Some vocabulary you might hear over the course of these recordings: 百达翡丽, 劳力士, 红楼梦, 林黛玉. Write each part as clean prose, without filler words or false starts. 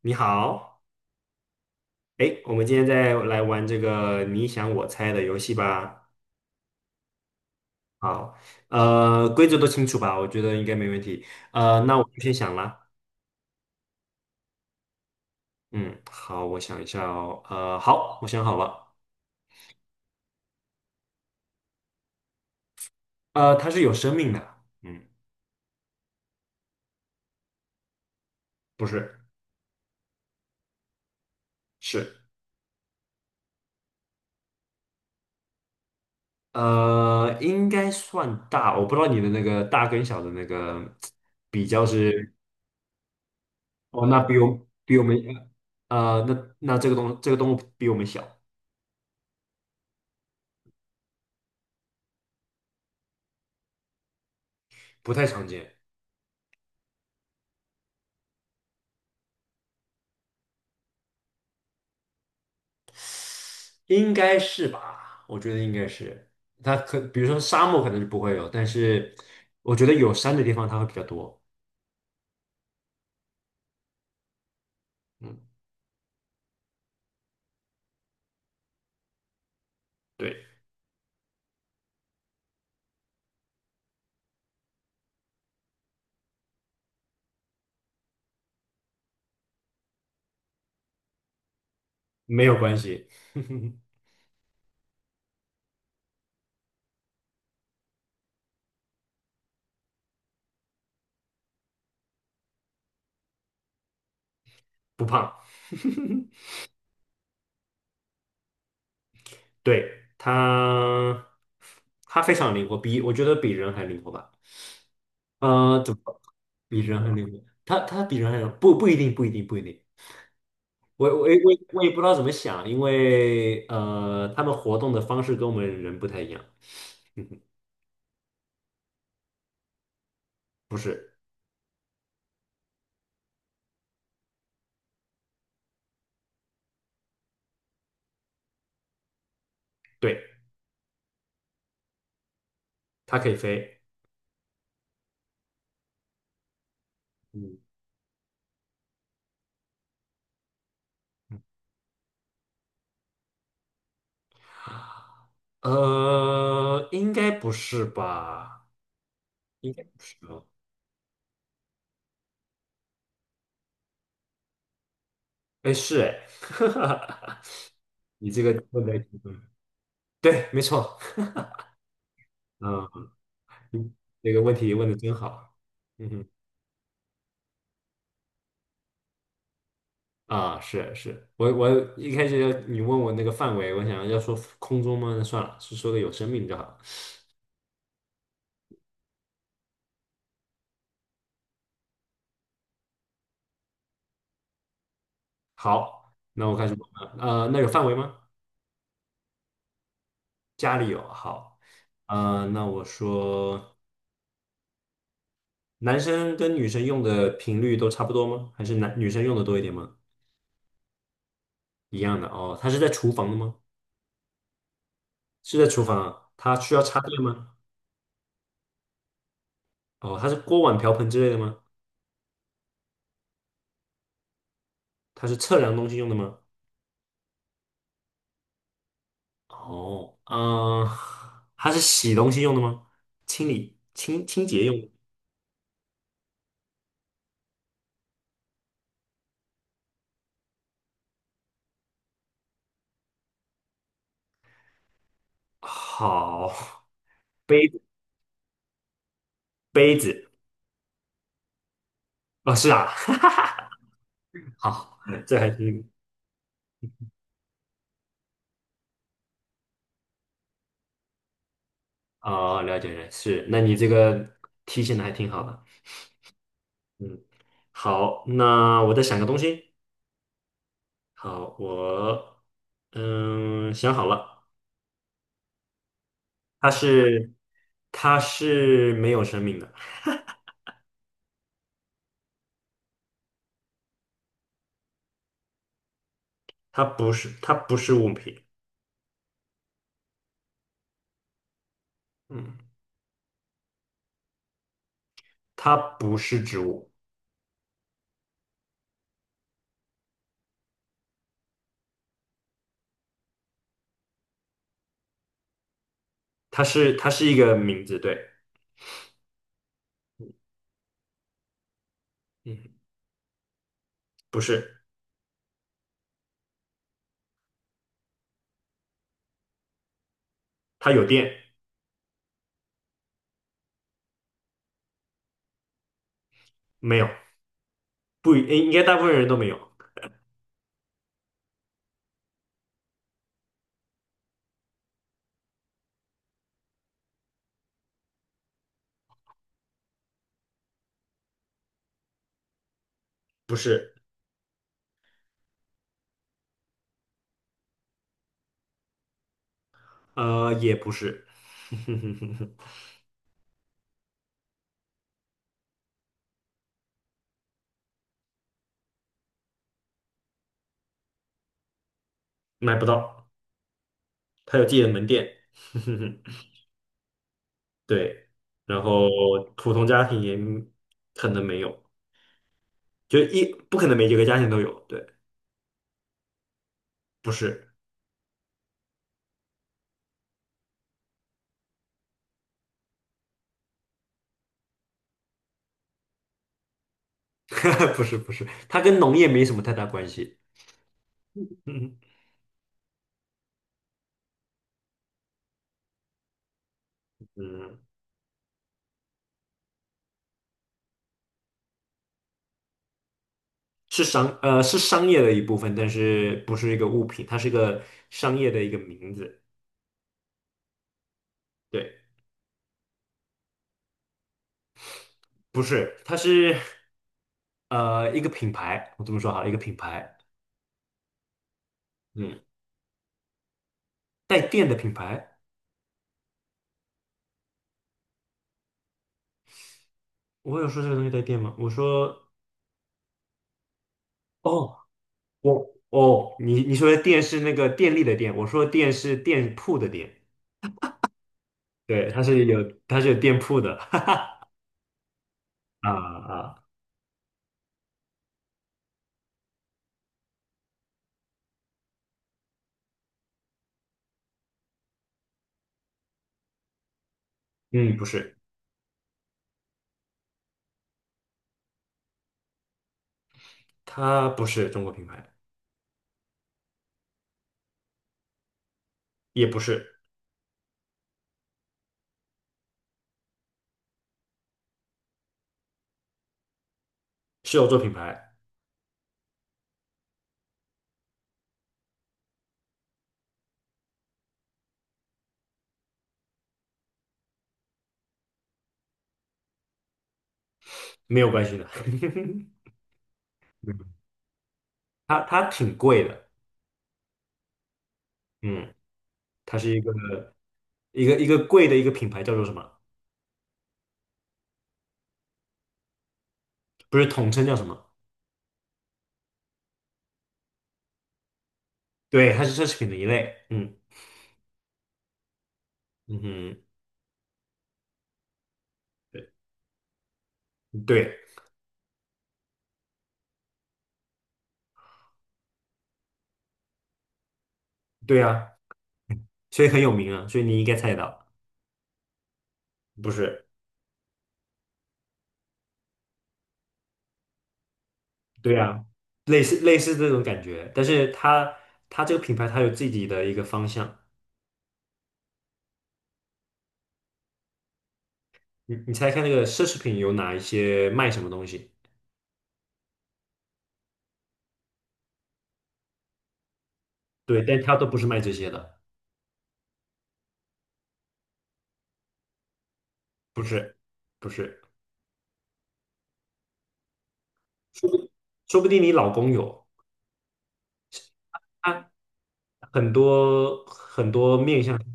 你好，哎，我们今天再来玩这个你想我猜的游戏吧。好，规则都清楚吧？我觉得应该没问题。那我就先想啦。嗯，好，我想一下哦。好，我想好了。它是有生命的。嗯，不是，是，应该算大。我不知道你的那个大跟小的那个比较是，哦，那比我们，那这个东这个动物比我们小，不太常见。应该是吧？我觉得应该是。它可，比如说沙漠可能是不会有，但是我觉得有山的地方它会比较多。嗯，对，没有关系，不胖。对，它，它非常灵活，比我觉得比人还灵活吧。呃，怎么说比人还灵活？它它比人还灵活不不一定，不一定，不一定。我不知道怎么想，因为他们活动的方式跟我们人不太一样。不是，对，它可以飞。嗯，嗯应该不是吧？应该不是哦。哎，是哎，问的对，没错。嗯，这个问题问的真好。嗯哼，啊，是是，我一开始你问我那个范围，我想要说空中吗？那算了，是说个有生命就好。好，那我开始问了。那有范围吗？家里有。好，那我说，男生跟女生用的频率都差不多吗？还是男女生用的多一点吗？一样的哦。它是在厨房的吗？是在厨房啊？它需要插电吗？哦，它是锅碗瓢盆之类的吗？它是测量东西用的吗？哦，嗯、它是洗东西用的吗？清理、清清洁用的。好，杯子杯子哦，是啊，好，这还挺哦，了解了，是。那你这个提醒的还挺好的，嗯，好，那我再想个东西。好，我嗯想好了。它是它是没有生命的，它不是物品，嗯，它不是植物，它是一个名字，对，嗯，不是，它有电没有？不，应应该大部分人都没有，不是，也不是，买不到，它有自己的门店，对，然后普通家庭也可能没有，就一不可能每一个家庭都有，对，不是。不是不是，它跟农业没什么太大关系。嗯嗯，是商是商业的一部分，但是不是一个物品，它是一个商业的一个名字。对，不是，它是一个品牌。我这么说好了，一个品牌。嗯，带电的品牌。我有说这个东西带电吗？我说哦，我哦，你你说的电是那个电力的电，我说电是店铺的店。对，它是有店铺的。啊啊，嗯，不是，它不是中国品牌。也不是，是有做品牌，没有关系的。嗯它它挺贵的，嗯，它是一个一个贵的一个品牌，叫做什么？不是统称叫什么？对，它是奢侈品的一类，嗯嗯哼，对对对啊，所以很有名啊，所以你应该猜得到，不是？对啊，类似这种感觉，但是它这个品牌它有自己的一个方向，你猜看那个奢侈品有哪一些卖什么东西？对，但它都不是卖这些的，不是不是。说不说不定你老公有，他很多很多面相，上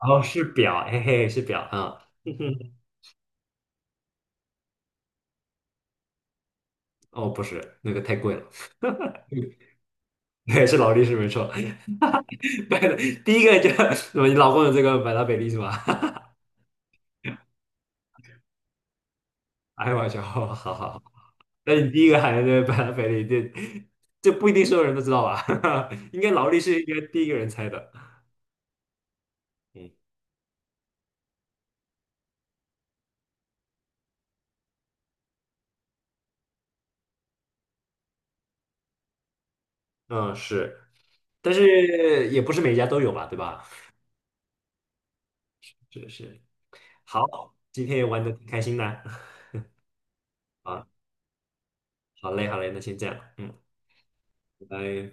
然后是表，嘿嘿，是表啊，嗯哼哦，不是，那个太贵了，对，是劳力士没错，买的第一个就 你老公有这个百达翡丽是吧？哎，我笑，哦好好好，那你第一个喊的这个百达翡丽，这不一定所有人都知道吧？应该劳力士应该第一个人猜的，嗯嗯是，但是也不是每家都有吧，对吧？是是。好，今天也玩的挺开心的啊 好嘞，好嘞，那先这样，嗯，拜拜。